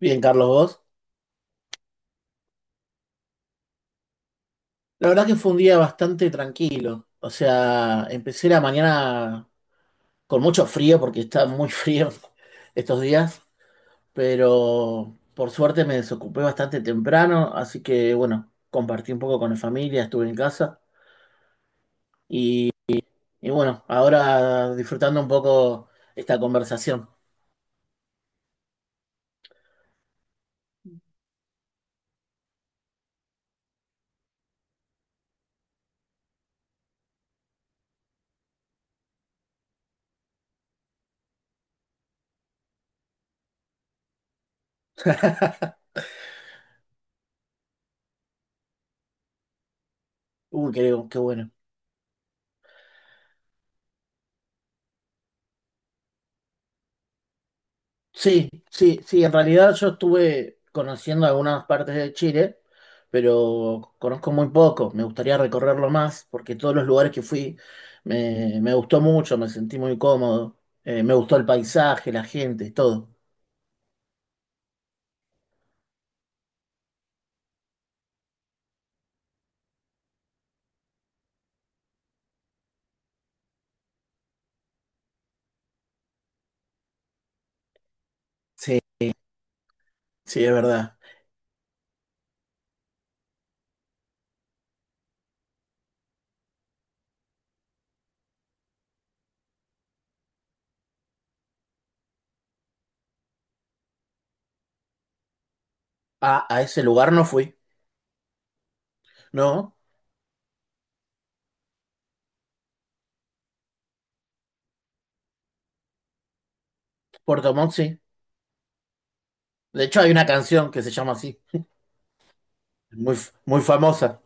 Bien, Carlos, vos. La verdad que fue un día bastante tranquilo. O sea, empecé la mañana con mucho frío porque está muy frío estos días, pero por suerte me desocupé bastante temprano, así que bueno, compartí un poco con la familia, estuve en casa y, y bueno, ahora disfrutando un poco esta conversación. Qué bueno. Sí, sí, sí, en realidad yo estuve conociendo algunas partes de Chile, pero conozco muy poco, me gustaría recorrerlo más porque todos los lugares que fui me gustó mucho, me sentí muy cómodo, me gustó el paisaje, la gente, todo. Sí, sí, es verdad. A ese lugar no fui, ¿no? Puerto Montt sí. De hecho hay una canción que se llama así, muy famosa.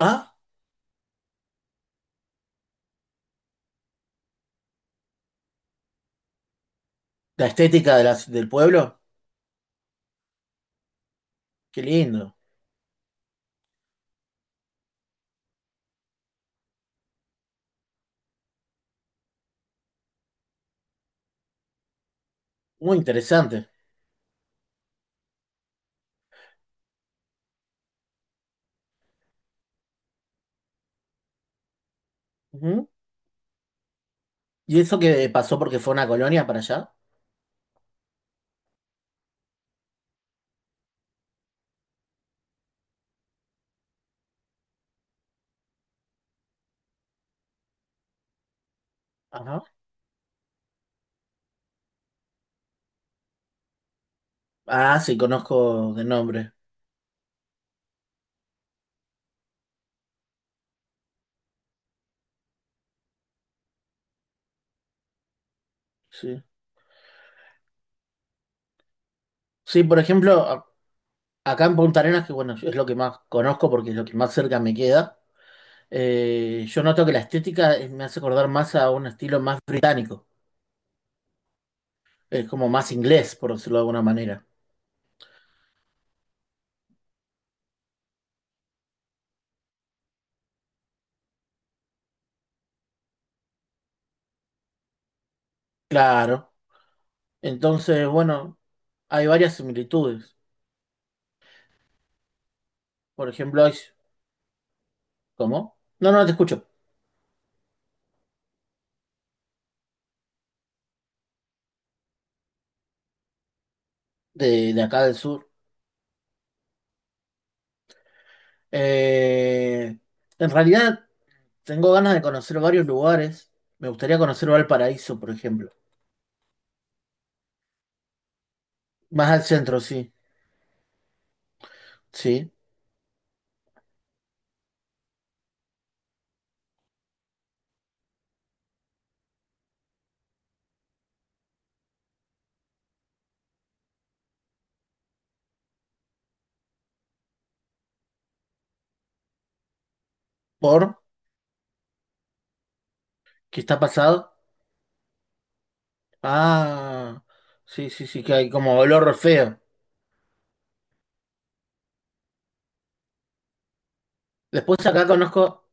Ah, la estética del pueblo, qué lindo, muy interesante. ¿Y eso que pasó porque fue una colonia para allá? Ajá. Ah, sí, conozco de nombre. Sí. Sí, por ejemplo, acá en Punta Arenas, que bueno, es lo que más conozco porque es lo que más cerca me queda, yo noto que la estética me hace acordar más a un estilo más británico. Es como más inglés, por decirlo de alguna manera. Claro. Entonces, bueno, hay varias similitudes. Por ejemplo, hay. ¿Cómo? No, no, te escucho. De acá del sur. Eh, en realidad. Tengo ganas de conocer varios lugares. Me gustaría conocer Valparaíso, por ejemplo. Más al centro, sí. Sí. ¿Por? ¿Qué está pasado? Ah, sí, sí, sí, que hay como olor feo. Después acá conozco,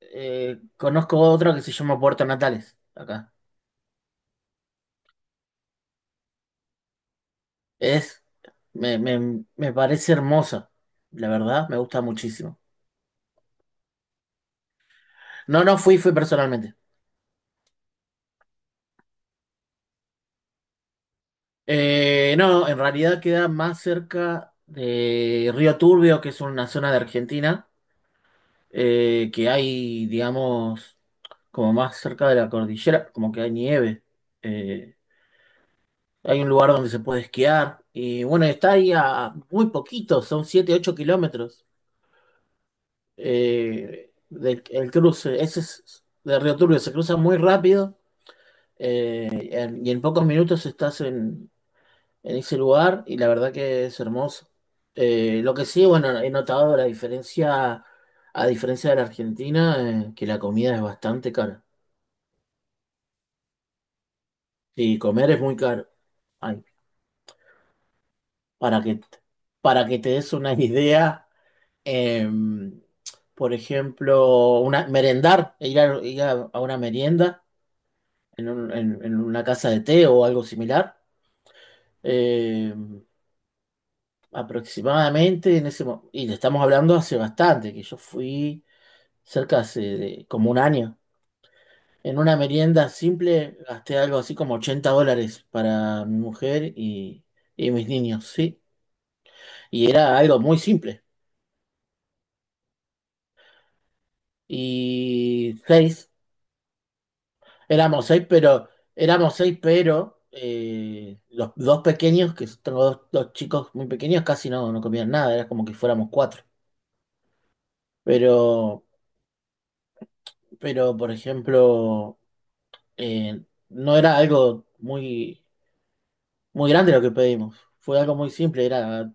eh, conozco otra que se llama Puerto Natales. Acá. Es, me parece hermosa. La verdad, me gusta muchísimo. No, no fui personalmente. No, en realidad queda más cerca de Río Turbio, que es una zona de Argentina que hay, digamos, como más cerca de la cordillera, como que hay nieve. Eh, hay un lugar donde se puede esquiar. Y bueno, está ahí a muy poquito, son 7 8 kilómetros del el cruce. Ese es de Río Turbio, se cruza muy rápido y en pocos minutos estás en ese lugar y la verdad que es hermoso. Lo que sí, bueno, he notado la diferencia, a diferencia de la Argentina, que la comida es bastante cara. Sí, comer es muy caro. Ay, para que, para que te des una idea, em, por ejemplo, merendar, a una merienda en una casa de té o algo similar, em, aproximadamente en ese momento, y le estamos hablando hace bastante, que yo fui cerca hace como un año. En una merienda simple gasté algo así como 80 dólares para mi mujer y mis niños, ¿sí? Y era algo muy simple. Y seis, éramos seis, pero éramos seis, pero los dos pequeños, que tengo dos chicos muy pequeños, casi no comían nada, era como que fuéramos cuatro. Pero, pero por ejemplo, eh, no era algo muy, muy grande lo que pedimos. Fue algo muy simple,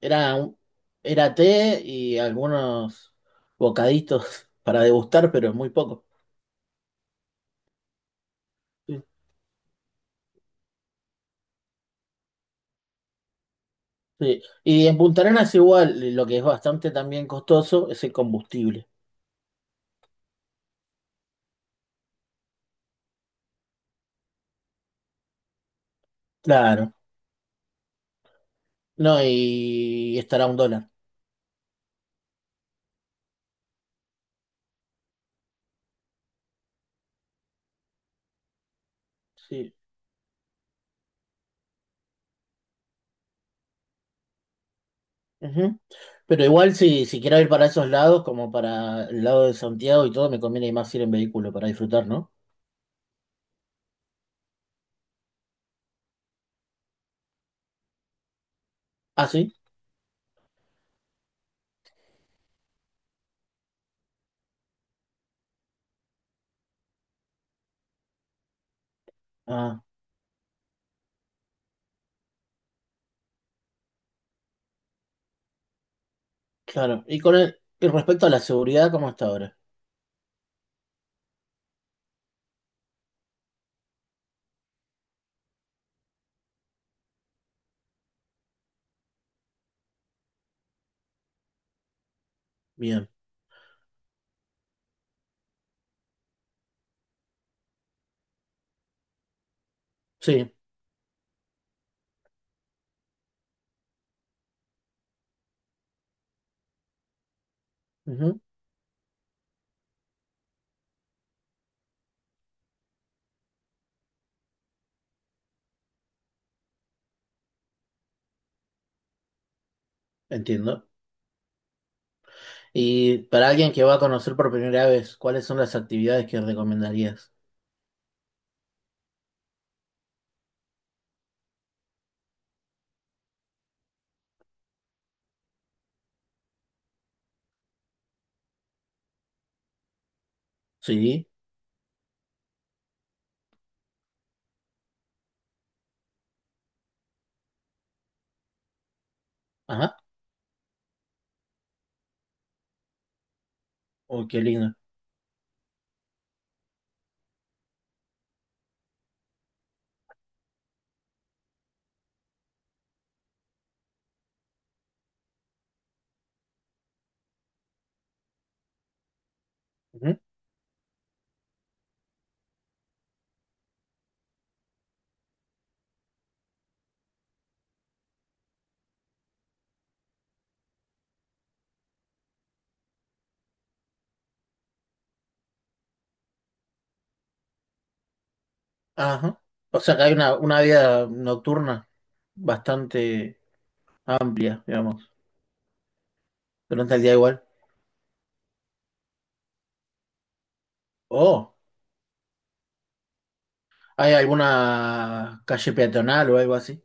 era, un- era té y algunos bocaditos para degustar, pero muy poco. Sí. Y en Punta Arenas igual, lo que es bastante también costoso es el combustible. Claro. No, y estará 1 dólar. Sí. Ujú. Pero igual si quiero ir para esos lados, como para el lado de Santiago y todo, me conviene más ir en vehículo para disfrutar, ¿no? Ah, sí. Ah, claro. Y respecto a la seguridad, ¿cómo está ahora? Bien. Sí. Ujú. Entiendo. Y para alguien que va a conocer por primera vez, ¿cuáles son las actividades que recomendarías? Sí. Ajá. Oh, qué lindo. Ajá. O sea que hay una vida nocturna bastante amplia, digamos, durante el día igual. Oh, ¿hay alguna calle peatonal o algo así?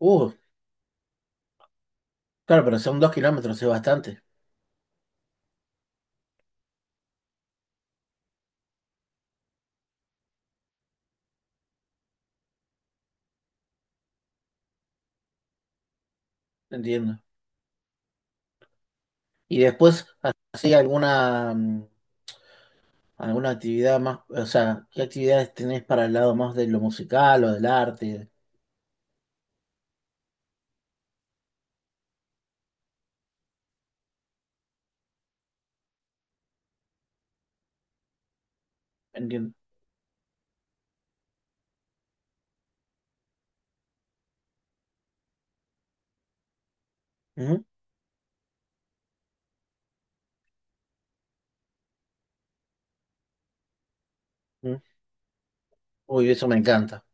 Uh, claro, pero son 2 kilómetros, es bastante, entiendo. Y después, ¿así alguna actividad más? O sea, ¿qué actividades tenés para el lado más de lo musical o del arte? Entiendo. Ujú, ujú. Uy, eso me encanta.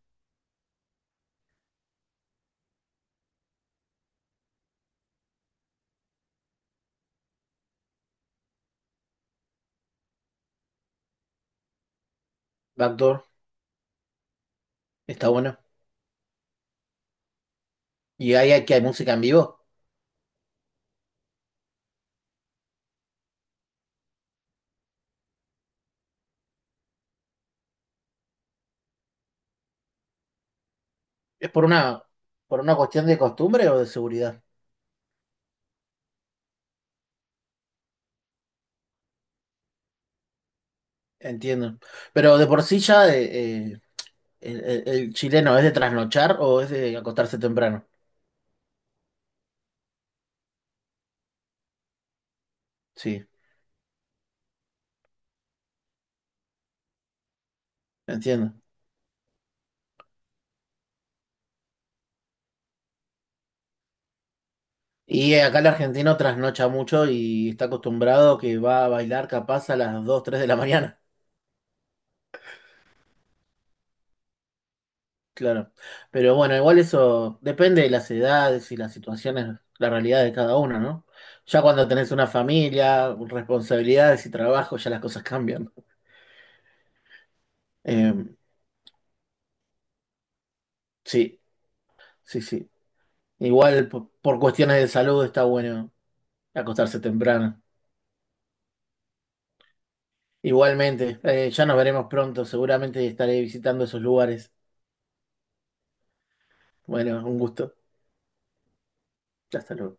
Backdoor, está bueno. ¿Y que hay música en vivo? Es por una cuestión de costumbre o de seguridad, entiendo. Pero de por sí ya el chileno es de trasnochar o es de acostarse temprano. Sí, entiendo. Y acá el argentino trasnocha mucho y está acostumbrado que va a bailar capaz a las 2 3 de la mañana. Claro. Pero bueno, igual eso depende de las edades y las situaciones, la realidad de cada uno, ¿no? Ya cuando tenés una familia, responsabilidades y trabajo, ya las cosas cambian. Eh, sí, sí, sí. Igual por cuestiones de salud está bueno acostarse temprano. Igualmente, ya nos veremos pronto. Seguramente estaré visitando esos lugares. Bueno, un gusto. Hasta luego.